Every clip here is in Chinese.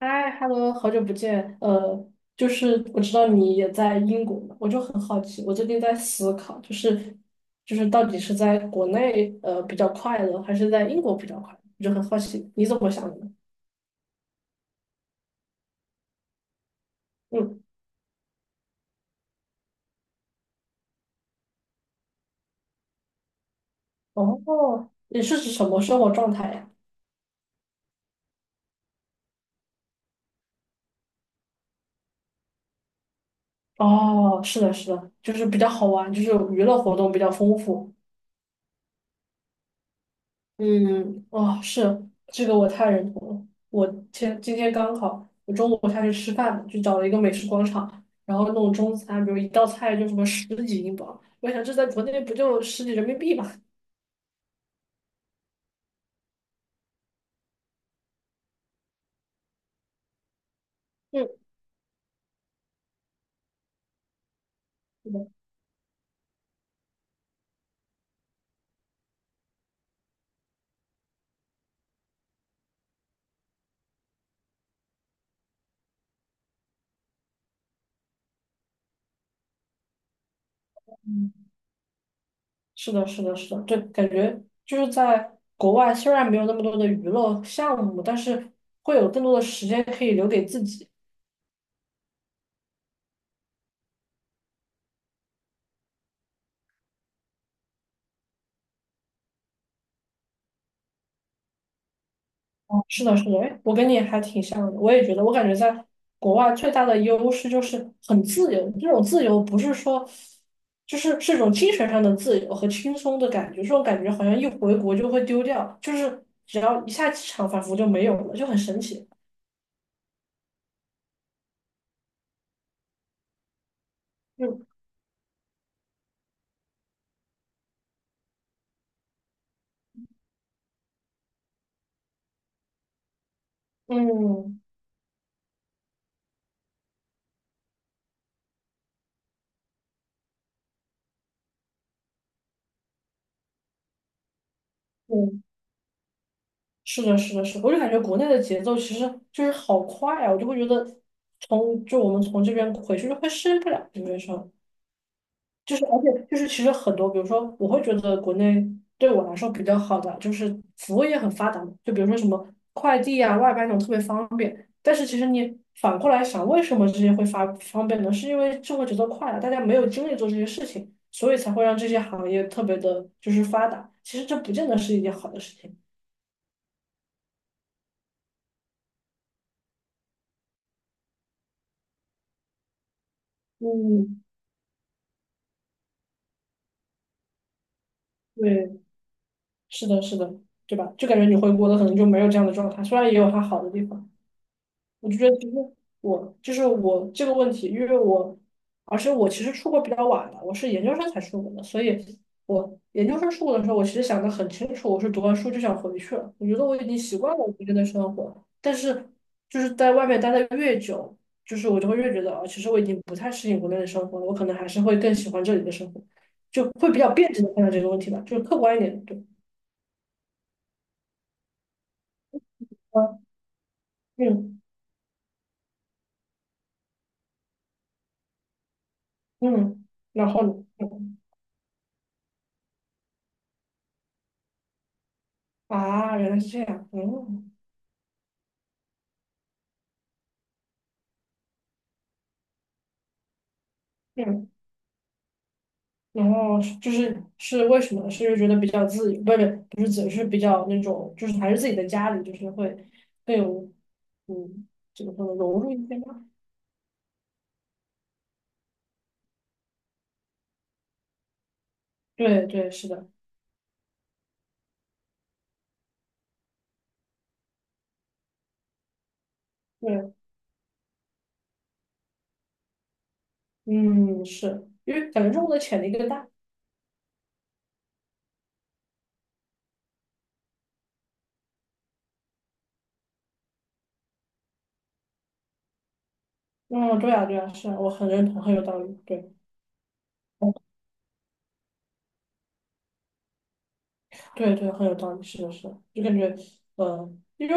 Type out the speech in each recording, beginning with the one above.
嗨，Hello，好久不见。我知道你也在英国嘛，我就很好奇，我最近在思考，就是到底是在国内比较快乐，还是在英国比较快乐？我就很好奇你怎么想的呢？嗯，哦，你是指什么生活状态呀？哦，是的，是的，就是比较好玩，就是娱乐活动比较丰富。嗯，哦，是，这个我太认同了。我前今天刚好，我中午下去吃饭就找了一个美食广场，然后弄中餐，比如一道菜就什么十几英镑，我想这在国内不就十几人民币嘛？嗯，是的，嗯，是的，是的，是的，对，感觉就是在国外虽然没有那么多的娱乐项目，但是会有更多的时间可以留给自己。是的，是的，哎，我跟你还挺像的，我也觉得，我感觉在国外最大的优势就是很自由，这种自由不是说，就是是一种精神上的自由和轻松的感觉，这种感觉好像一回国就会丢掉，就是只要一下机场，仿佛就没有了，就很神奇。嗯嗯嗯，是的，是的，是的，我就感觉国内的节奏其实就是好快啊，我就会觉得从就我们从这边回去就会适应不了，有没有说？就是，而且就是，其实很多，比如说，我会觉得国内对我来说比较好的，就是服务业很发达嘛，就比如说什么快递啊、外卖那种特别方便。但是其实你反过来想，为什么这些会发方便呢？是因为生活节奏快了，大家没有精力做这些事情，所以才会让这些行业特别的就是发达。其实这不见得是一件好的事情。嗯，对，是的，是的，对吧？就感觉你回国的可能就没有这样的状态，虽然也有它好的地方。我就觉得其实我就是我这个问题，因为我，而且我其实出国比较晚了，我是研究生才出国的，所以我研究生出国的时候，我其实想的很清楚，我是读完书就想回去了，我觉得我已经习惯了我这边的生活，但是就是在外面待的越久，就是我就会越觉得啊，其实我已经不太适应国内的生活了，我可能还是会更喜欢这里的生活，就会比较辩证的看待这个问题吧，就是客观一点，对，嗯嗯嗯，然后呢？嗯。啊，原来是这样，嗯嗯。然后是就是是为什么？是因为觉得比较自由，不是自由，是比较那种，就是还是自己的家里，就是会更有，嗯，怎么说呢，融入一些吧。对对，是的，对，嗯，是因为感觉中国的潜力更大。嗯，对啊对啊，是啊，我很认同，很有道理。对。对对，很有道理，是的，是的，就感觉，因为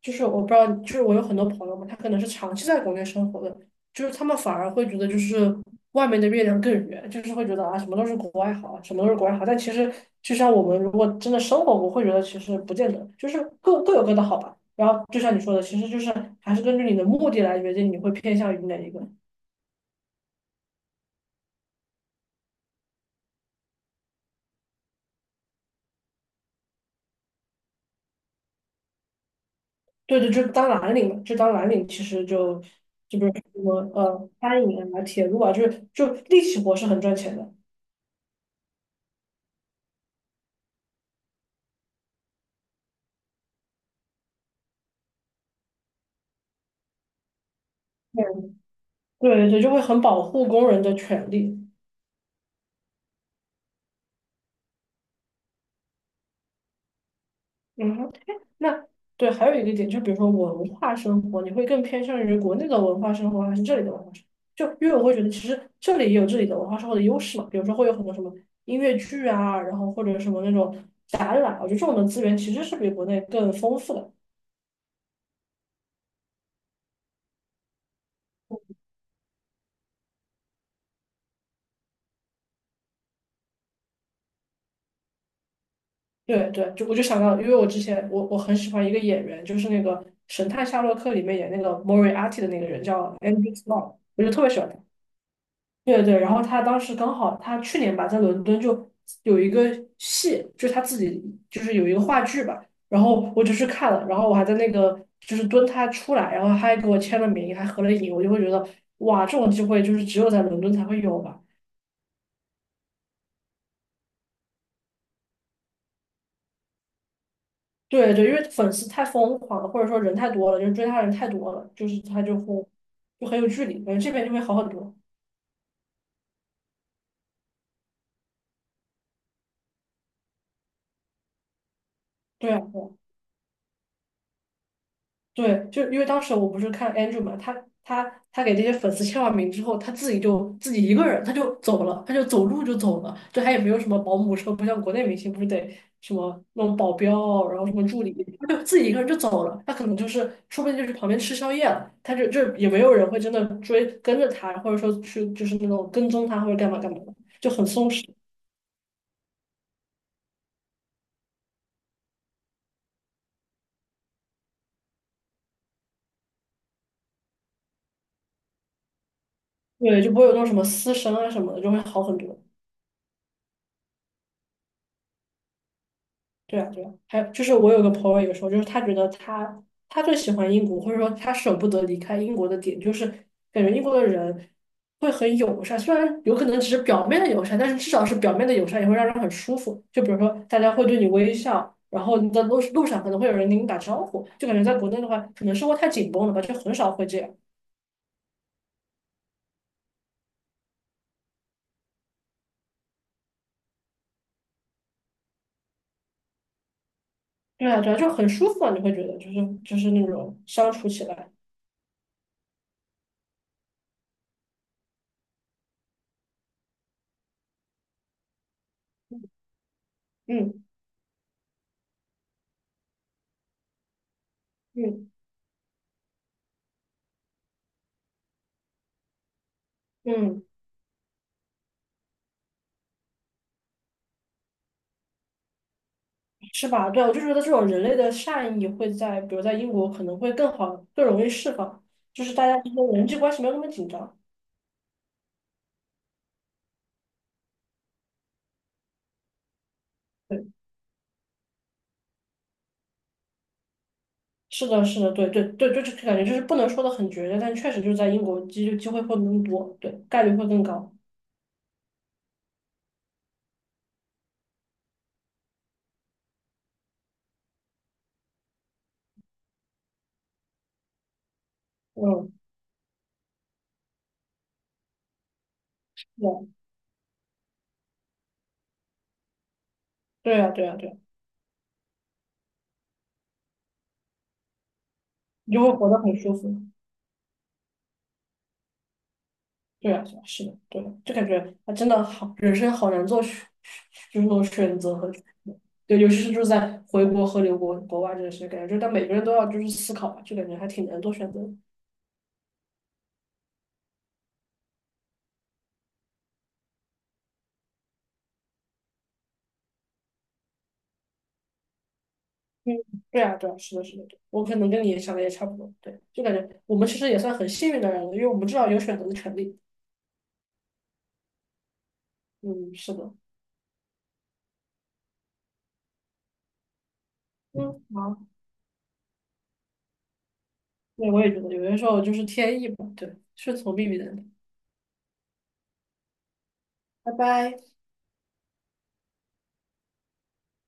就是我不知道，就是我有很多朋友嘛，他可能是长期在国内生活的，就是他们反而会觉得就是外面的月亮更圆，就是会觉得啊，什么都是国外好，什么都是国外好，但其实就像我们如果真的生活过，会觉得其实不见得，就是各各有各的好吧。然后就像你说的，其实就是还是根据你的目的来决定你会偏向于哪一个。对对，就当蓝领嘛，这当蓝领其实就就比如说什么餐饮啊、铁路啊，就是就力气活是很赚钱的。对对对，就会很保护工人的权利。嗯哼，哎，那对，还有一个点，就比如说文化生活，你会更偏向于国内的文化生活，还是这里的文化生活？就因为我会觉得，其实这里也有这里的文化生活的优势嘛，比如说会有很多什么音乐剧啊，然后或者什么那种展览，我觉得这种的资源其实是比国内更丰富的。对对，就我就想到，因为我之前我很喜欢一个演员，就是那个《神探夏洛克》里面演那个莫瑞阿蒂的那个人叫 Andrew Scott，我就特别喜欢他。对对，然后他当时刚好他去年吧在伦敦就有一个戏，就是他自己就是有一个话剧吧，然后我就去看了，然后我还在那个就是蹲他出来，然后他还给我签了名，还合了影，我就会觉得哇，这种机会就是只有在伦敦才会有吧。对对，因为粉丝太疯狂了，或者说人太多了，就是追他的人太多了，就是他就会就很有距离，感觉这边就会好很多。对啊，对，就因为当时我不是看 Andrew 嘛，他他给这些粉丝签完名之后，他自己就自己一个人他就走了，他就走路就走了，就他也没有什么保姆车，不像国内明星不是得什么那种保镖，然后什么助理，他就自己一个人就走了。他可能就是说不定就是旁边吃宵夜了，他就也没有人会真的追跟着他，或者说去就是那种跟踪他或者干嘛干嘛的，就很松弛。对，就不会有那种什么私生啊什么的，就会好很多。对啊，对啊，还有就是我有个朋友也说，就是他觉得他最喜欢英国，或者说他舍不得离开英国的点，就是感觉英国的人会很友善，虽然有可能只是表面的友善，但是至少是表面的友善也会让人很舒服。就比如说大家会对你微笑，然后你在路上可能会有人给你打招呼，就感觉在国内的话，可能生活太紧绷了吧，就很少会这样。对啊，对啊，就很舒服啊，你会觉得就是那种相处起来，嗯嗯嗯。是吧？对，我就觉得这种人类的善意会在，比如在英国可能会更好，更容易释放，就是大家之间人际关系没有那么紧张。对，是的，是的，对对对，就是感觉就是不能说的很绝对，但确实就是在英国机会会更多，对，概率会更高。嗯，对啊对啊，对啊，对啊，你就会活得很舒服。对啊，对啊，是的，对的，就感觉他真的好，人生好难做选，就是那种选择和，对，尤其是就是在回国和留国外这个事感觉就是但每个人都要就是思考吧，就感觉还挺难做选择的。嗯，对啊，对啊，是的，是的，对，我可能跟你想的也差不多，对，就感觉我们其实也算很幸运的人了，因为我们至少有选择的权利。嗯，是的，嗯，好，对，我也觉得有些时候就是天意吧，对，顺从命运的，拜拜。